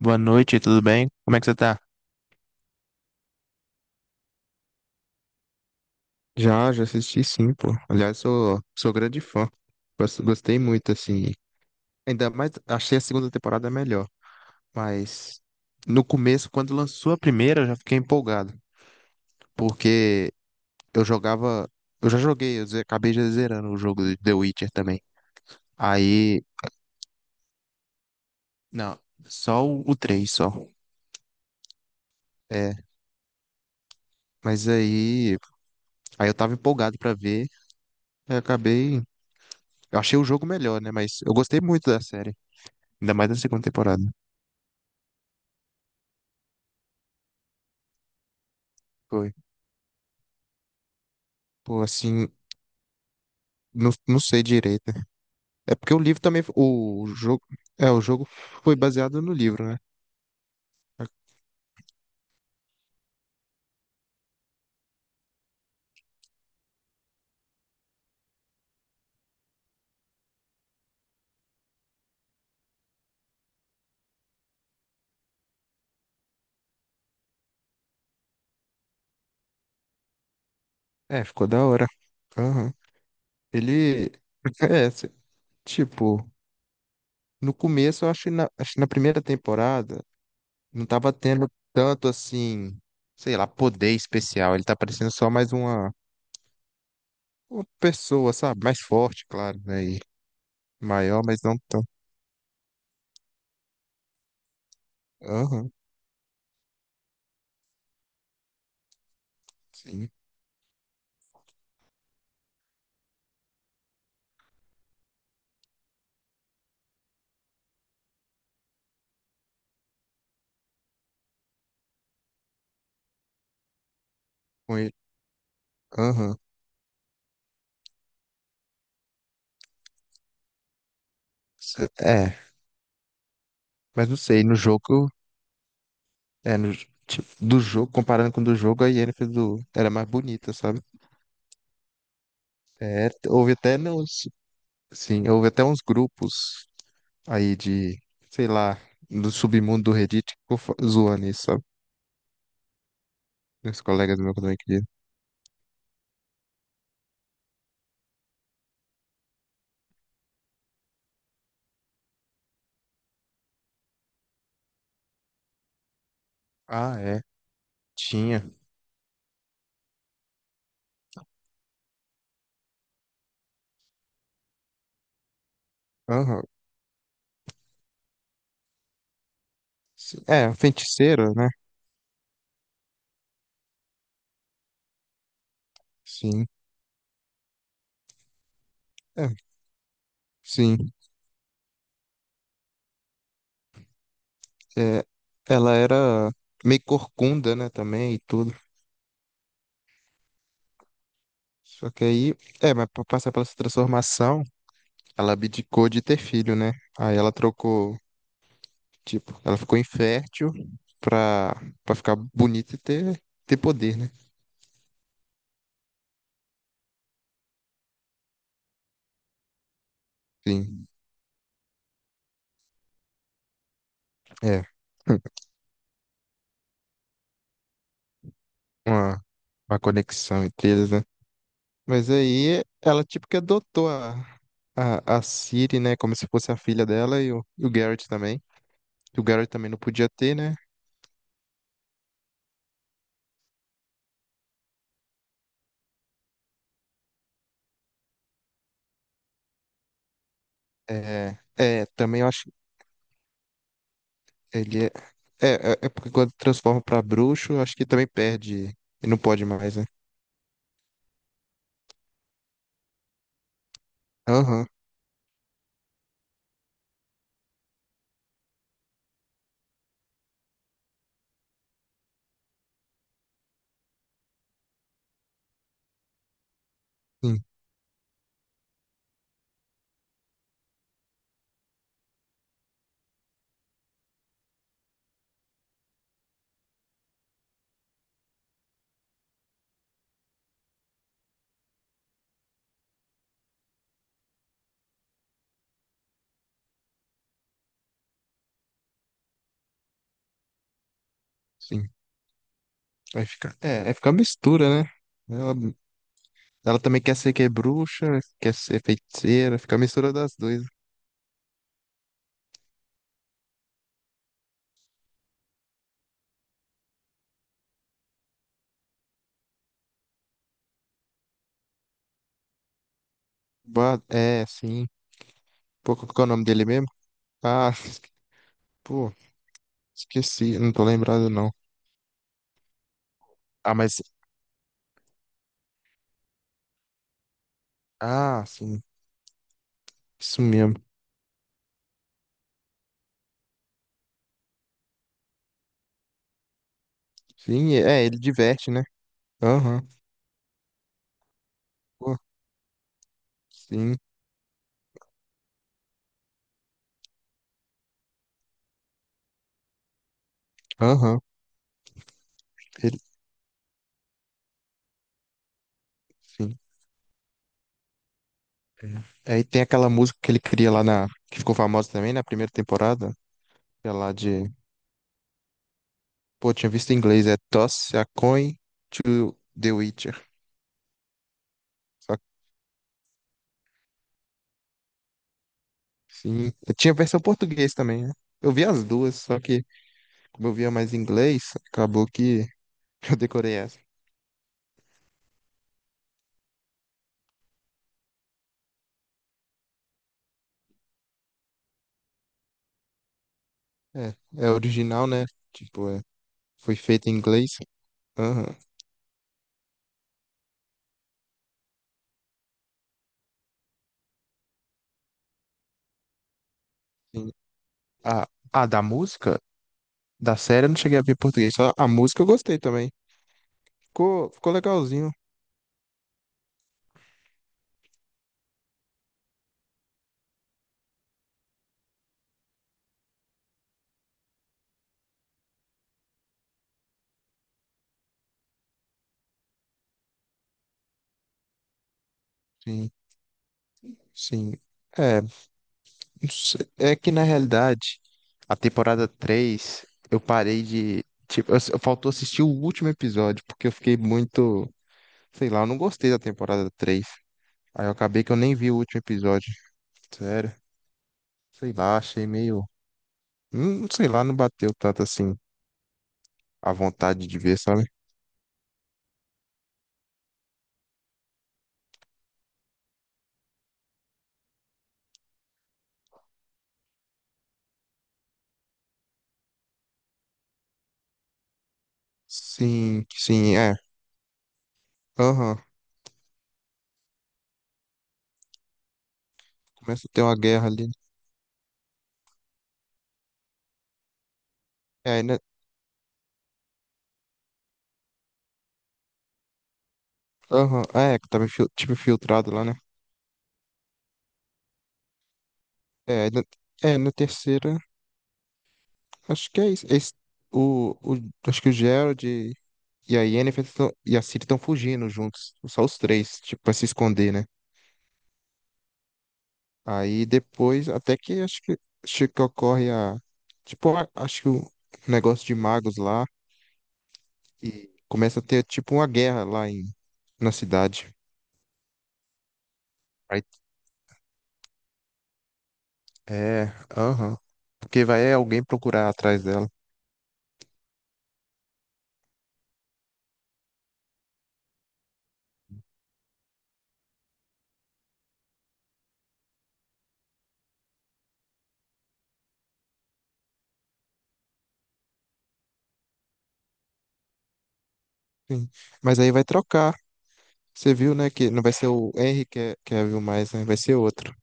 Boa noite, tudo bem? Como é que você tá? Já assisti sim, pô. Aliás, sou grande fã. Gostei muito, assim. Ainda mais, achei a segunda temporada melhor. Mas no começo, quando lançou a primeira, eu já fiquei empolgado. Porque eu jogava. Eu já joguei, acabei já zerando o jogo de The Witcher também. Aí. Não, só o 3, só. É, mas aí. Aí eu tava empolgado pra ver. Aí eu acabei. Eu achei o jogo melhor, né? Mas eu gostei muito da série. Ainda mais na segunda temporada. Foi. Pô, assim, não sei direito. É porque o livro também. O jogo. É, o jogo foi baseado no livro, né? É, ficou da hora. Aham. Ele. É, tipo, no começo eu acho que na primeira temporada não tava tendo tanto assim, sei lá, poder especial. Ele tá parecendo só mais uma pessoa, sabe? Mais forte, claro, né? E maior, mas não tão. Aham, sim. Com ele. Aham. É, mas não sei, no jogo, é, no, tipo, do jogo, comparando com o do jogo, a Yennefer do, era mais bonita, sabe? É, sim, houve até uns grupos aí de, sei lá, do submundo do Reddit que ficou zoando isso, sabe? Meus colegas meus também queriam. Ah, é, tinha. Aham. Sim. É, feiticeira, né? Sim, é, sim. É, ela era meio corcunda, né, também e tudo. Só que aí, é, mas pra passar pela transformação. Ela abdicou de ter filho, né? Aí ela trocou, tipo, ela ficou infértil pra, pra ficar bonita e ter poder, né? Sim, é. Uma, uma conexão entre eles, né? Mas aí ela, tipo, que adotou a Ciri, né? Como se fosse a filha dela e o Garrett também. E o Garrett também não podia ter, né? É, também eu acho que ele é. É, porque quando transforma pra bruxo, eu acho que também perde. E não pode mais, né? Aham, sim, sim. Vai ficar mistura, né? Ela, ela também quer ser que é bruxa, quer ser feiticeira, fica a mistura das duas. É, sim. Pô, qual que é o nome dele mesmo? Ah, pô, esqueci, não tô lembrado não. Ah, mas, ah, sim, isso mesmo. Sim, é, ele diverte, né? Aham, pô, sim, aham, ele, sim. Aí tem aquela música que ele cria lá que ficou famosa também na primeira temporada, que é lá de, pô, tinha visto em inglês, é Toss a Coin to the Witcher. Sim, tinha versão português também, né? Eu vi as duas, só que como eu via mais inglês, acabou que eu decorei essa. É, original, né? Tipo, é, foi feita em inglês. Aham. Sim. Ah, ah, da música? Da série eu não cheguei a ver em português, só a música eu gostei também. Ficou legalzinho. Sim, sim. É, não. É que na realidade, a temporada 3 eu parei de. Tipo, eu faltou assistir o último episódio, porque eu fiquei muito. Sei lá, eu não gostei da temporada três. Aí eu acabei que eu nem vi o último episódio. Sério. Sei lá, achei meio. Sei lá, não bateu tanto assim a vontade de ver, sabe? Sim, sim, é. Aham. Começa a ter uma guerra ali. É, né? Aham. É, que tava tipo infiltrado lá, né? É, na terceira. Acho que é isso. O, o- Acho que o Gerald e a Yennefer e a Ciri estão fugindo juntos. Só os três, tipo, pra se esconder, né? Aí depois, até que acho que ocorre a. Tipo, acho que o negócio de magos lá. E começa a ter, tipo, uma guerra lá na cidade. É, aham. Porque vai alguém procurar atrás dela. Sim. Mas aí vai trocar. Você viu, né? Que não vai ser o Henry que Cavill mais, né? Vai ser outro.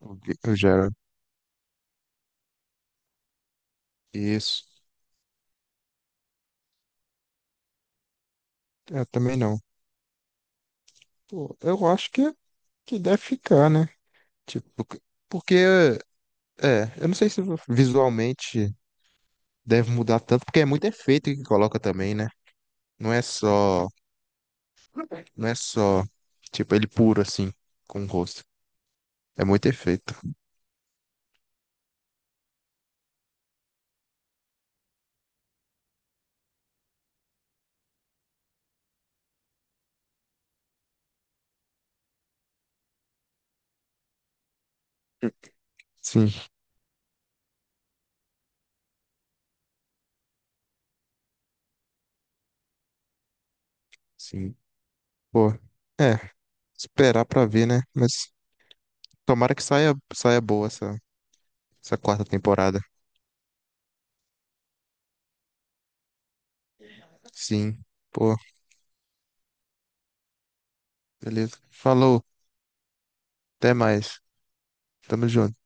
O Gerald. Isso. Eu também não. Pô, eu acho que é que deve ficar, né? Tipo, porque, é, eu não sei se visualmente deve mudar tanto, porque é muito efeito que coloca também, né? Não é só, não é só, tipo, ele puro assim, com o rosto. É muito efeito. Sim, sim. Pô, é, esperar pra ver, né? Mas tomara que saia boa essa quarta temporada. Sim, pô, beleza. Falou, até mais. Tamo junto.